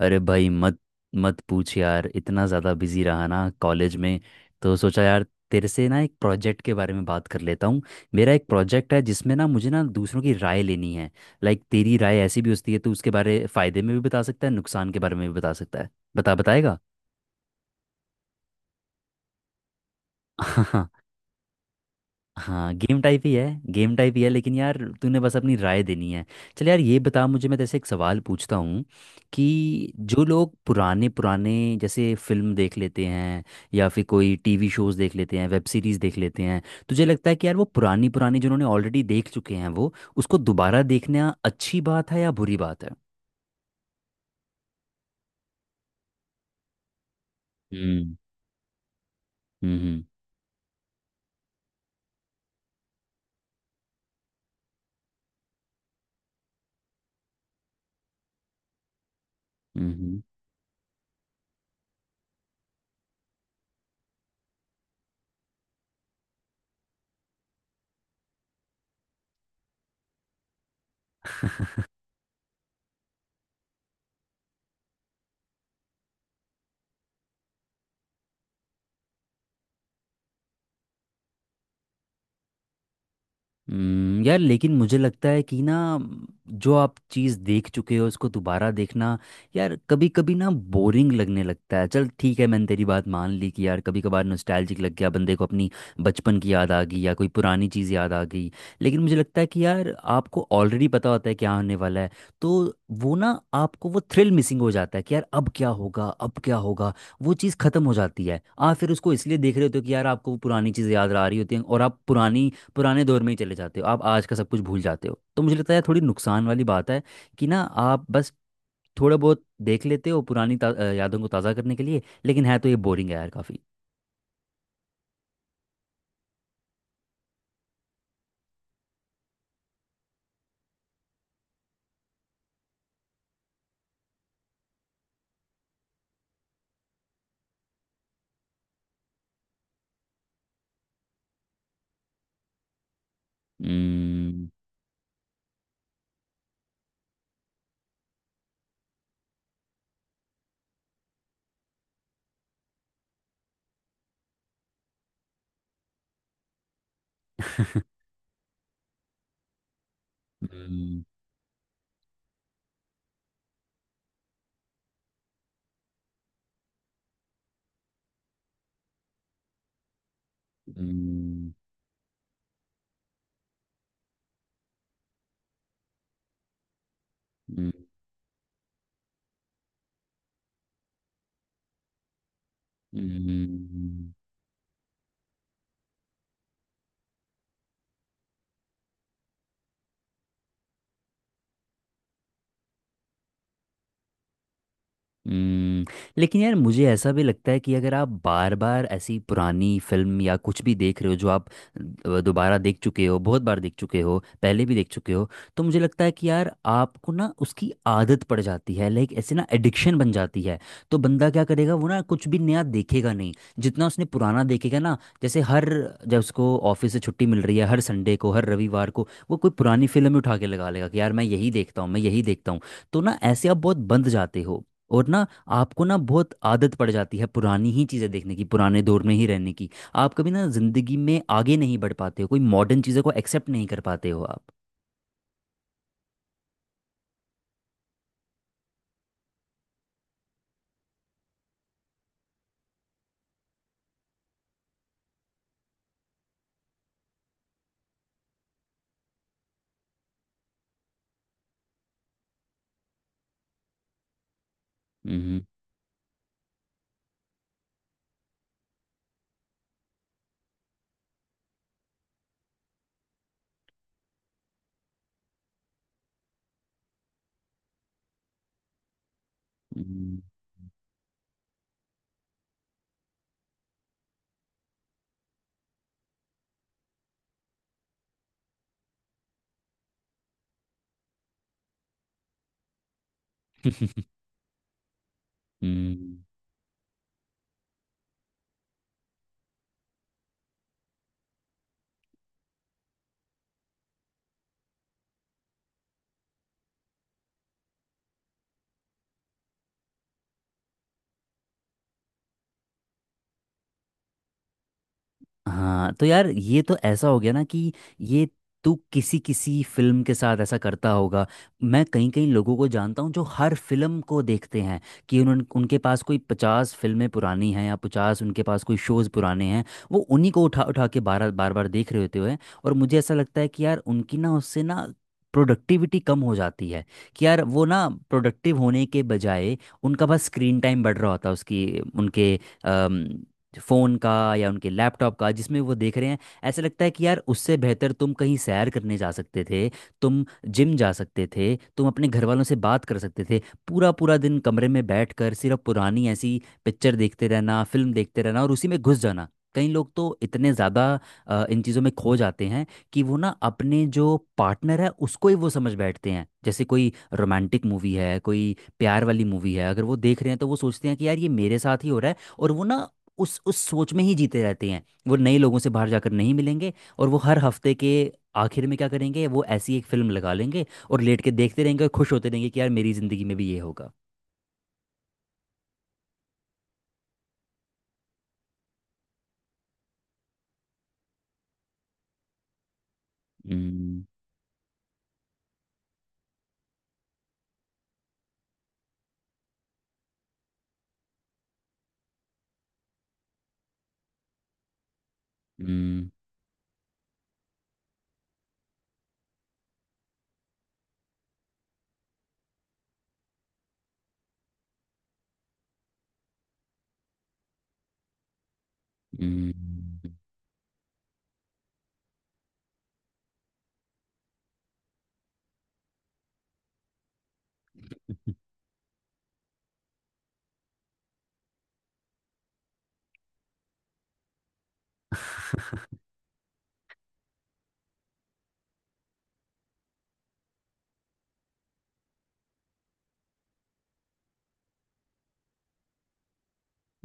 अरे भाई मत मत पूछ यार। इतना ज़्यादा बिजी रहा ना कॉलेज में, तो सोचा यार तेरे से ना एक प्रोजेक्ट के बारे में बात कर लेता हूँ। मेरा एक प्रोजेक्ट है जिसमें ना मुझे ना दूसरों की राय लेनी है। लाइक तेरी राय ऐसी भी होती है तो उसके बारे फ़ायदे में भी बता सकता है, नुकसान के बारे में भी बता सकता है। बता बताएगा? हाँ, गेम टाइप ही है। गेम टाइप ही है लेकिन यार तूने बस अपनी राय देनी है। चल यार ये बता मुझे, मैं जैसे एक सवाल पूछता हूँ कि जो लोग पुराने पुराने जैसे फिल्म देख लेते हैं या फिर कोई टीवी शोज देख लेते हैं, वेब सीरीज देख लेते हैं, तुझे लगता है कि यार वो पुरानी पुरानी जिन्होंने ऑलरेडी देख चुके हैं वो उसको दोबारा देखना अच्छी बात है या बुरी बात है? हम्म। हम्म। हम्म। यार लेकिन मुझे लगता है कि ना जो आप चीज़ देख चुके हो उसको दोबारा देखना यार कभी कभी ना बोरिंग लगने लगता है। चल ठीक है, मैंने तेरी बात मान ली कि यार कभी कभार नॉस्टैल्जिक लग गया बंदे को, अपनी बचपन की याद आ गई या कोई पुरानी चीज़ याद आ गई। लेकिन मुझे लगता है कि यार आपको ऑलरेडी पता होता है क्या होने वाला है, तो वो ना आपको वो थ्रिल मिसिंग हो जाता है कि यार अब क्या होगा, अब क्या होगा। वो चीज़ ख़त्म हो जाती है। आप फिर उसको इसलिए देख रहे होते हो कि यार आपको वो पुरानी चीज़ें याद आ रही होती हैं और आप पुरानी पुराने दौर में ही चले जाते हो, आप आज का सब कुछ भूल जाते हो। तो मुझे लगता है थोड़ी नुकसान वाली बात है कि ना आप बस थोड़ा बहुत देख लेते हो यादों को ताज़ा करने के लिए, लेकिन है तो ये बोरिंग है यार काफ़ी। हम्म। हम्म। हम्म। हम्म। हम्म, हम्म, लेकिन यार मुझे ऐसा भी लगता है कि अगर आप बार बार ऐसी पुरानी फिल्म या कुछ भी देख रहे हो जो आप दोबारा देख चुके हो, बहुत बार देख चुके हो, पहले भी देख चुके हो, तो मुझे लगता है कि यार आपको ना उसकी आदत पड़ जाती है। लाइक ऐसे ना एडिक्शन बन जाती है। तो बंदा क्या करेगा, वो ना कुछ भी नया देखेगा नहीं, जितना उसने पुराना देखेगा ना। जैसे हर जब उसको ऑफिस से छुट्टी मिल रही है हर संडे को हर रविवार को, वो कोई पुरानी फिल्म ही उठा के लगा लेगा कि यार मैं यही देखता हूँ, मैं यही देखता हूँ। तो ना ऐसे आप बहुत बंद जाते हो और ना आपको ना बहुत आदत पड़ जाती है पुरानी ही चीज़ें देखने की, पुराने दौर में ही रहने की। आप कभी ना ज़िंदगी में आगे नहीं बढ़ पाते हो, कोई मॉडर्न चीज़ों को एक्सेप्ट नहीं कर पाते हो आप। हम्म। हम्म। हम्म। हाँ तो यार ये तो ऐसा हो गया ना कि ये तू किसी किसी फिल्म के साथ ऐसा करता होगा। मैं कई कई लोगों को जानता हूँ जो हर फिल्म को देखते हैं, कि उन उनके पास कोई पचास फिल्में पुरानी हैं या पचास उनके पास कोई शोज़ पुराने हैं। वो उन्हीं को उठा उठा के बार बार बार देख रहे होते हुए, और मुझे ऐसा लगता है कि यार उनकी ना उससे ना प्रोडक्टिविटी कम हो जाती है। कि यार वो ना प्रोडक्टिव होने के बजाय उनका बस स्क्रीन टाइम बढ़ रहा होता है उसकी उनके फ़ोन का या उनके लैपटॉप का जिसमें वो देख रहे हैं। ऐसा लगता है कि यार उससे बेहतर तुम कहीं सैर करने जा सकते थे, तुम जिम जा सकते थे, तुम अपने घर वालों से बात कर सकते थे। पूरा पूरा दिन कमरे में बैठकर सिर्फ पुरानी ऐसी पिक्चर देखते रहना, फिल्म देखते रहना और उसी में घुस जाना। कई लोग तो इतने ज़्यादा इन चीज़ों में खो जाते हैं कि वो ना अपने जो पार्टनर है उसको ही वो समझ बैठते हैं। जैसे कोई रोमांटिक मूवी है, कोई प्यार वाली मूवी है अगर वो देख रहे हैं तो वो सोचते हैं कि यार ये मेरे साथ ही हो रहा है, और वो ना उस सोच में ही जीते रहते हैं। वो नए लोगों से बाहर जाकर नहीं मिलेंगे, और वो हर हफ्ते के आखिर में क्या करेंगे, वो ऐसी एक फिल्म लगा लेंगे और लेट के देखते रहेंगे और खुश होते रहेंगे कि यार मेरी जिंदगी में भी ये होगा। हम्म। हम्म। हम्म।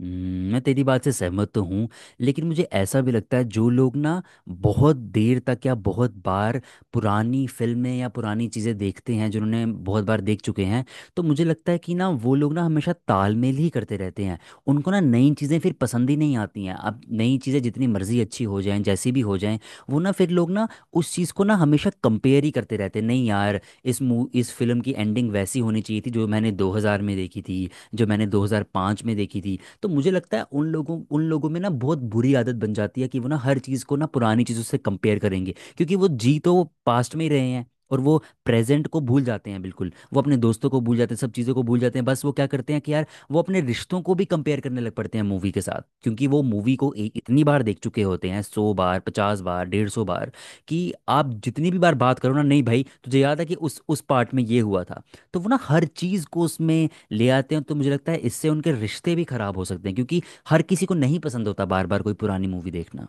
मैं तेरी बात से सहमत तो हूँ लेकिन मुझे ऐसा भी लगता है जो लोग ना बहुत देर तक या बहुत बार पुरानी फिल्में या पुरानी चीज़ें देखते हैं जिन्होंने बहुत बार देख चुके हैं, तो मुझे लगता है कि ना वो लोग ना हमेशा तालमेल ही करते रहते हैं। उनको ना नई चीज़ें फिर पसंद ही नहीं आती हैं। अब नई चीज़ें जितनी मर्जी अच्छी हो जाएं जैसी भी हो जाएं, वो ना फिर लोग ना उस चीज़ को ना हमेशा कंपेयर ही करते रहते हैं। नहीं यार, इस फिल्म की एंडिंग वैसी होनी चाहिए थी जो मैंने 2000 में देखी थी, जो मैंने 2005 में देखी थी। तो मुझे लगता है उन लोगों में ना बहुत बुरी आदत बन जाती है कि वो ना हर चीज़ को ना पुरानी चीज़ों से कंपेयर करेंगे, क्योंकि वो जी तो वो पास्ट में ही रहे हैं और वो प्रेजेंट को भूल जाते हैं बिल्कुल। वो अपने दोस्तों को भूल जाते हैं, सब चीज़ों को भूल जाते हैं। बस वो क्या करते हैं कि यार वो अपने रिश्तों को भी कंपेयर करने लग पड़ते हैं मूवी के साथ, क्योंकि वो मूवी को इतनी बार देख चुके होते हैं, सौ बार, पचास बार, डेढ़ सौ बार, कि आप जितनी भी बार बात करो ना, नहीं भाई तुझे याद है कि उस पार्ट में ये हुआ था। तो वो ना हर चीज़ को उसमें ले आते हैं। तो मुझे लगता है इससे उनके रिश्ते भी खराब हो सकते हैं क्योंकि हर किसी को नहीं पसंद होता बार बार कोई पुरानी मूवी देखना।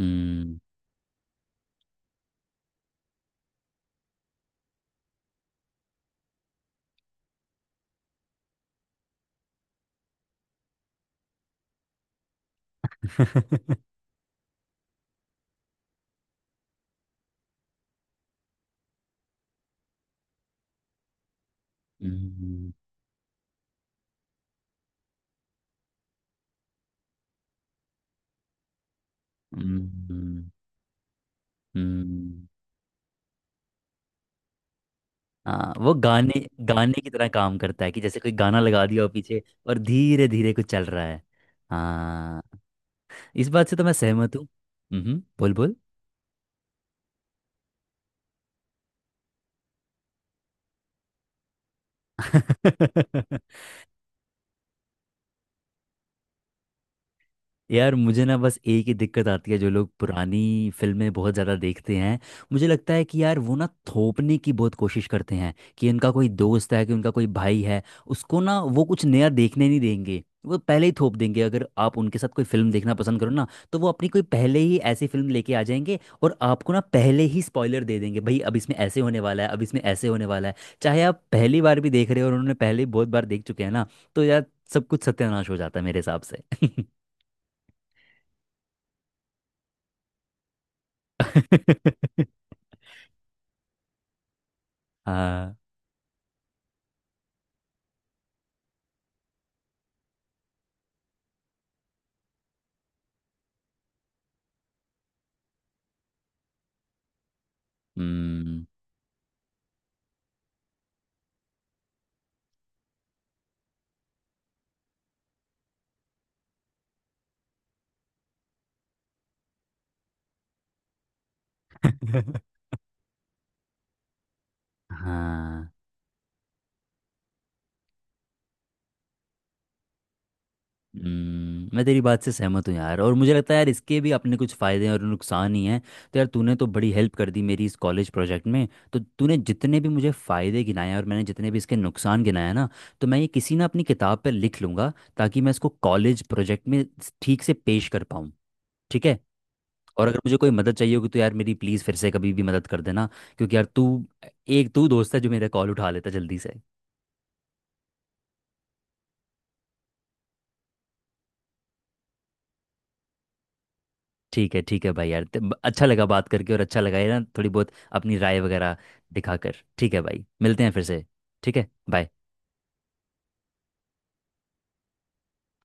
हम्म। हम्म। हम्म। हम्म। हाँ, वो गाने गाने की तरह काम करता है कि जैसे कोई गाना लगा दिया हो पीछे और धीरे धीरे कुछ चल रहा है। हाँ, इस बात से तो मैं सहमत हूँ। हम्म, बोल बोल। यार मुझे ना बस एक ही दिक्कत आती है जो लोग पुरानी फिल्में बहुत ज़्यादा देखते हैं, मुझे लगता है कि यार वो ना थोपने की बहुत कोशिश करते हैं। कि उनका कोई दोस्त है कि उनका कोई भाई है, उसको ना वो कुछ नया देखने नहीं देंगे, वो पहले ही थोप देंगे। अगर आप उनके साथ कोई फिल्म देखना पसंद करो ना, तो वो अपनी कोई पहले ही ऐसी फिल्म लेके आ जाएंगे और आपको ना पहले ही स्पॉइलर दे देंगे, भाई अब इसमें ऐसे होने वाला है, अब इसमें ऐसे होने वाला है। चाहे आप पहली बार भी देख रहे हो और उन्होंने पहले ही बहुत बार देख चुके हैं ना, तो यार सब कुछ सत्यानाश हो जाता है मेरे हिसाब से। हाँ। हम्म। हाँ। मैं तेरी बात से सहमत हूँ यार और मुझे लगता है यार इसके भी अपने कुछ फ़ायदे और नुकसान ही हैं। तो यार तूने तो बड़ी हेल्प कर दी मेरी इस कॉलेज प्रोजेक्ट में। तो तूने जितने भी मुझे फ़ायदे गिनाए और मैंने जितने भी इसके नुकसान गिनाए ना, तो मैं ये किसी ना अपनी किताब पर लिख लूँगा ताकि मैं इसको कॉलेज प्रोजेक्ट में ठीक से पेश कर पाऊँ। ठीक है? और अगर मुझे कोई मदद चाहिए होगी तो यार मेरी प्लीज़ फिर से कभी भी मदद कर देना, क्योंकि यार तू एक तू दोस्त है जो मेरा कॉल उठा लेता जल्दी। ठीक है, ठीक है भाई यार, अच्छा लगा बात करके और अच्छा लगा ये ना थोड़ी बहुत अपनी राय वगैरह दिखाकर। ठीक है भाई, मिलते हैं फिर से। ठीक है, बाय।